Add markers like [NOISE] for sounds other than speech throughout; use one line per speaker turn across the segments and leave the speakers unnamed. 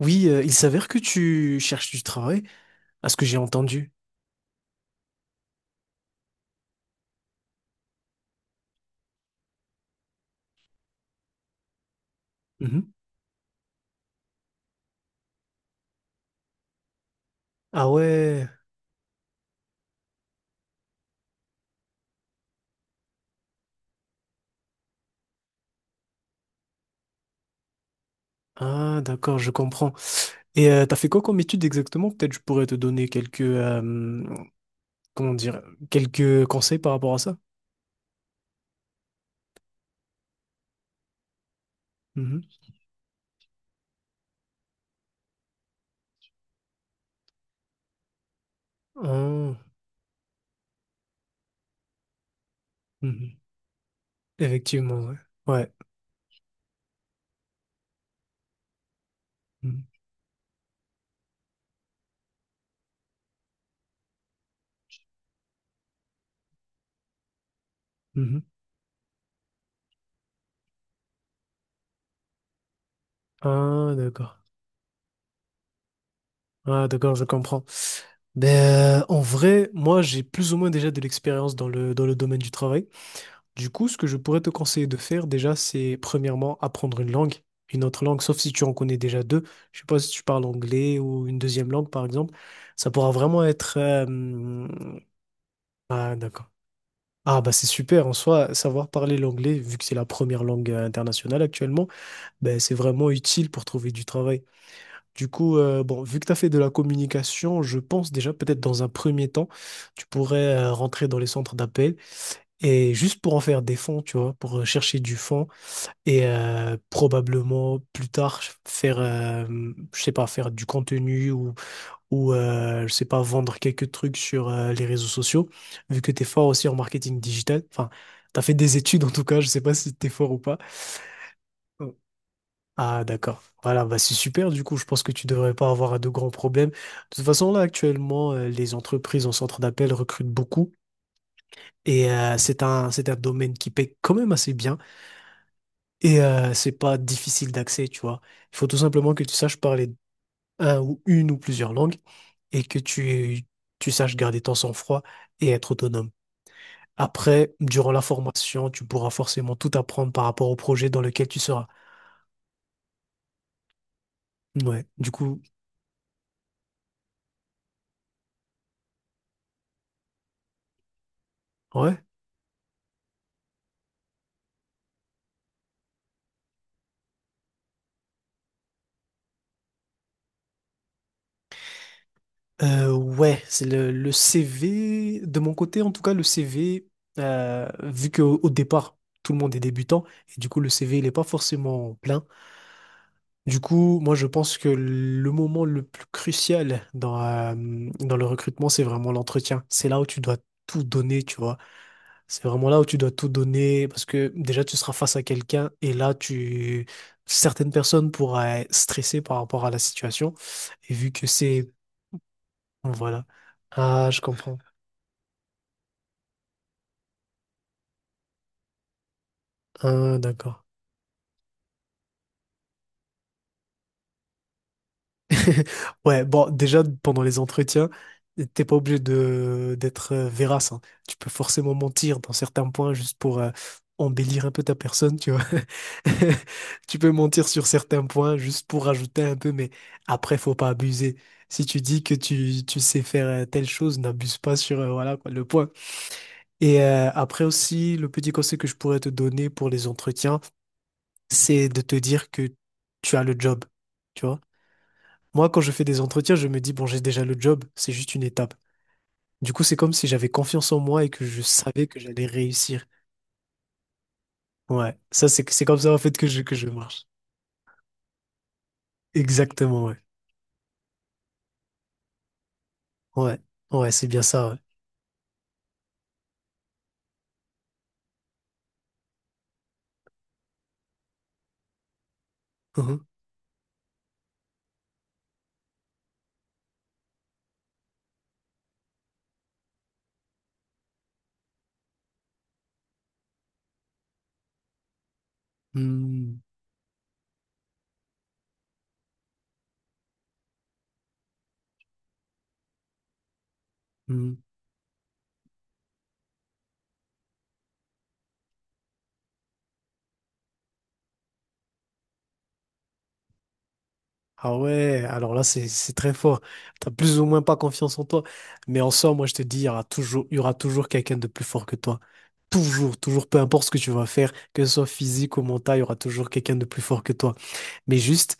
Oui, il s'avère que tu cherches du travail, à ce que j'ai entendu. Mhm. Ah ouais, ah d'accord, je comprends. Et t'as fait quoi comme étude exactement? Peut-être je pourrais te donner quelques, comment dire, quelques conseils par rapport à ça. Mhm. Ah, mhm. Effectivement, ouais. Ouais. Mhm. Mhm. Ah d'accord. Ah d'accord, je comprends. Ben, en vrai, moi j'ai plus ou moins déjà de l'expérience dans dans le domaine du travail. Du coup, ce que je pourrais te conseiller de faire déjà, c'est premièrement apprendre une langue, une autre langue, sauf si tu en connais déjà deux. Je sais pas si tu parles anglais ou une deuxième langue, par exemple. Ça pourra vraiment être... Ah, d'accord. Ah, bah c'est super. En soi, savoir parler l'anglais, vu que c'est la première langue internationale actuellement, ben c'est vraiment utile pour trouver du travail. Du coup, bon, vu que tu as fait de la communication, je pense déjà peut-être dans un premier temps, tu pourrais rentrer dans les centres d'appel et juste pour en faire des fonds, tu vois, pour chercher du fonds et probablement plus tard faire je sais pas faire du contenu ou je sais pas vendre quelques trucs sur les réseaux sociaux vu que tu es fort aussi en marketing digital enfin tu as fait des études en tout cas je sais pas si tu es fort ou pas. Oh. Ah d'accord, voilà, bah c'est super. Du coup je pense que tu devrais pas avoir de grands problèmes de toute façon. Là actuellement les entreprises en centre d'appel recrutent beaucoup et c'est un domaine qui paye quand même assez bien. Et c'est pas difficile d'accès, tu vois. Il faut tout simplement que tu saches parler un ou une ou plusieurs langues et tu saches garder ton sang-froid et être autonome. Après, durant la formation, tu pourras forcément tout apprendre par rapport au projet dans lequel tu seras. Ouais, du coup, ouais. Ouais, c'est le CV, de mon côté en tout cas, le CV, vu qu'au au départ, tout le monde est débutant, et du coup, le CV, il n'est pas forcément plein. Du coup, moi, je pense que le moment le plus crucial dans, dans le recrutement, c'est vraiment l'entretien. C'est là où tu dois tout donner, tu vois. C'est vraiment là où tu dois tout donner parce que déjà, tu seras face à quelqu'un et là, tu... certaines personnes pourraient stresser par rapport à la situation. Et vu que c'est... Bon, voilà. Ah, je comprends. Ah, d'accord. [LAUGHS] Ouais, bon, déjà, pendant les entretiens, t'es pas obligé de d'être vérace, hein. Tu peux forcément mentir dans certains points juste pour embellir un peu ta personne, tu vois. [LAUGHS] Tu peux mentir sur certains points juste pour rajouter un peu, mais après, faut pas abuser. Si tu dis que tu sais faire telle chose, n'abuse pas sur, voilà, quoi, le point. Et après aussi, le petit conseil que je pourrais te donner pour les entretiens, c'est de te dire que tu as le job. Moi, quand je fais des entretiens, je me dis, bon, j'ai déjà le job, c'est juste une étape. Du coup, c'est comme si j'avais confiance en moi et que je savais que j'allais réussir. Ouais, ça, c'est comme ça, en fait, que je marche. Exactement, ouais. Ouais, ouais, c'est bien ça, ouais. Mhm. Hmm, hmm. Ah ouais, alors là, c'est très fort. T'as plus ou moins pas confiance en toi. Mais en soi, moi, je te dis, il y aura toujours quelqu'un de plus fort que toi. Toujours, toujours, peu importe ce que tu vas faire, que ce soit physique ou mental, il y aura toujours quelqu'un de plus fort que toi. Mais juste,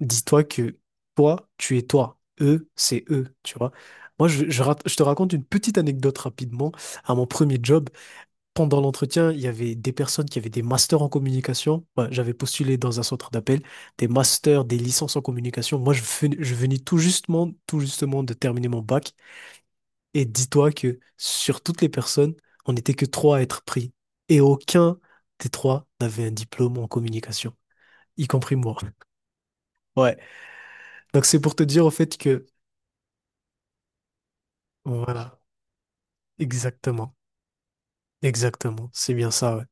dis-toi que toi, tu es toi. Eux, c'est eux, tu vois. Moi, je te raconte une petite anecdote rapidement. À mon premier job, pendant l'entretien, il y avait des personnes qui avaient des masters en communication. Ouais, j'avais postulé dans un centre d'appel, des masters, des licences en communication. Moi, je venais tout justement de terminer mon bac. Et dis-toi que sur toutes les personnes, on n'était que trois à être pris. Et aucun des trois n'avait un diplôme en communication, y compris moi. Ouais. Donc c'est pour te dire au fait que voilà, exactement, exactement, c'est bien ça, ouais.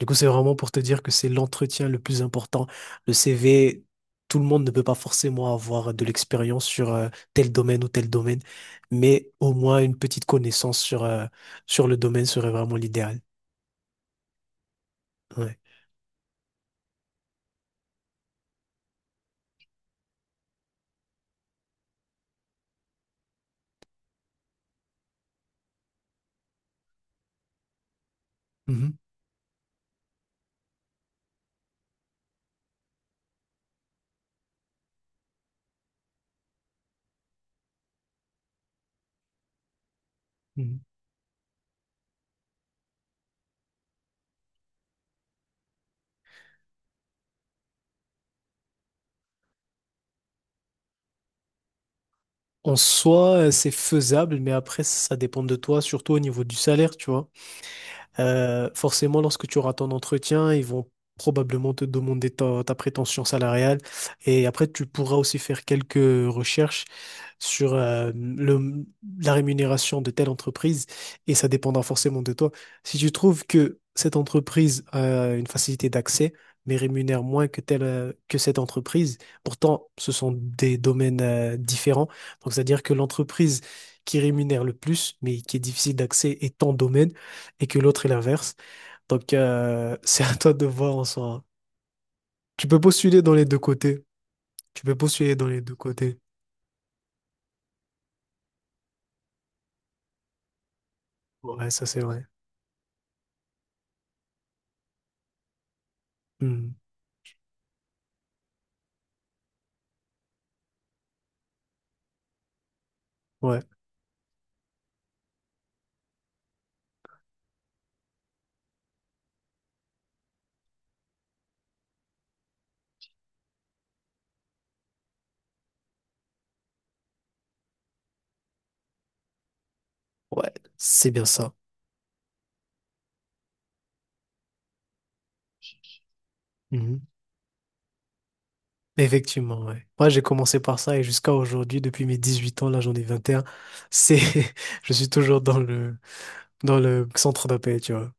Du coup, c'est vraiment pour te dire que c'est l'entretien le plus important. Le CV, tout le monde ne peut pas forcément avoir de l'expérience sur tel domaine ou tel domaine, mais au moins une petite connaissance sur, sur le domaine serait vraiment l'idéal. Ouais. Mhm, mhm. En soi, c'est faisable, mais après, ça dépend de toi, surtout au niveau du salaire, tu vois. Forcément, lorsque tu auras ton entretien, ils vont probablement te demander ta prétention salariale. Et après, tu pourras aussi faire quelques recherches sur le, la rémunération de telle entreprise et ça dépendra forcément de toi. Si tu trouves que cette entreprise a une facilité d'accès, mais rémunère moins que telle, que cette entreprise, pourtant ce sont des domaines différents. Donc c'est-à-dire que l'entreprise qui rémunère le plus, mais qui est difficile d'accès, est ton domaine et que l'autre est l'inverse. Donc [LAUGHS] c'est à toi de voir en soi. Tu peux postuler dans les deux côtés. Tu peux postuler dans les deux côtés. Ouais, ça c'est vrai. Hmm. Ouais. Ouais, c'est bien ça. Mhm. Effectivement, ouais. Moi, j'ai commencé par ça et jusqu'à aujourd'hui, depuis mes 18 ans, là, j'en ai 21 c'est, [LAUGHS] je suis toujours dans le centre d'appel, tu vois.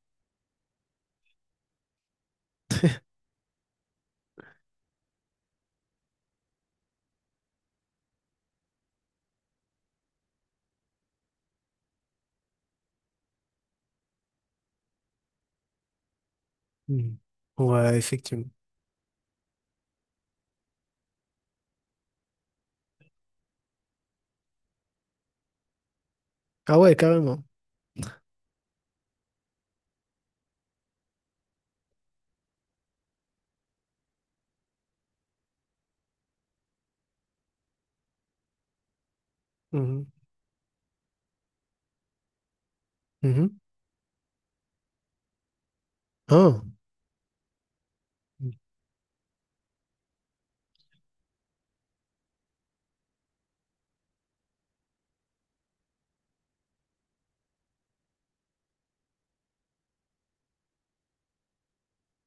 Mhm. Ouais, effectivement. Ah ouais, carrément. Mhm. Mhm. Ah.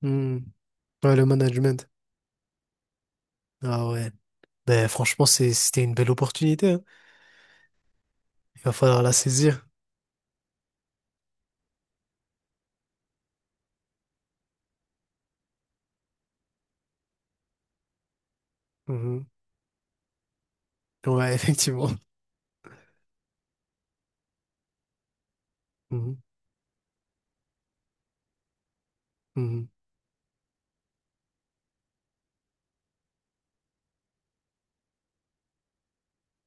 Mhm. Ouais, le management. Ah ouais. Ben, franchement, c'était une belle opportunité, hein. Il va falloir la saisir. Mhm. Ouais, [LAUGHS] effectivement. Mhm. Mhm.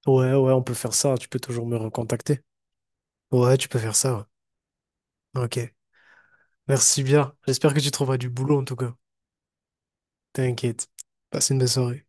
Ouais, ouais, on peut faire ça. Hein. Tu peux toujours me recontacter. Ouais, tu peux faire ça. Ouais. Ok. Merci bien. J'espère que tu trouveras du boulot en tout cas. T'inquiète. Passe une bonne soirée.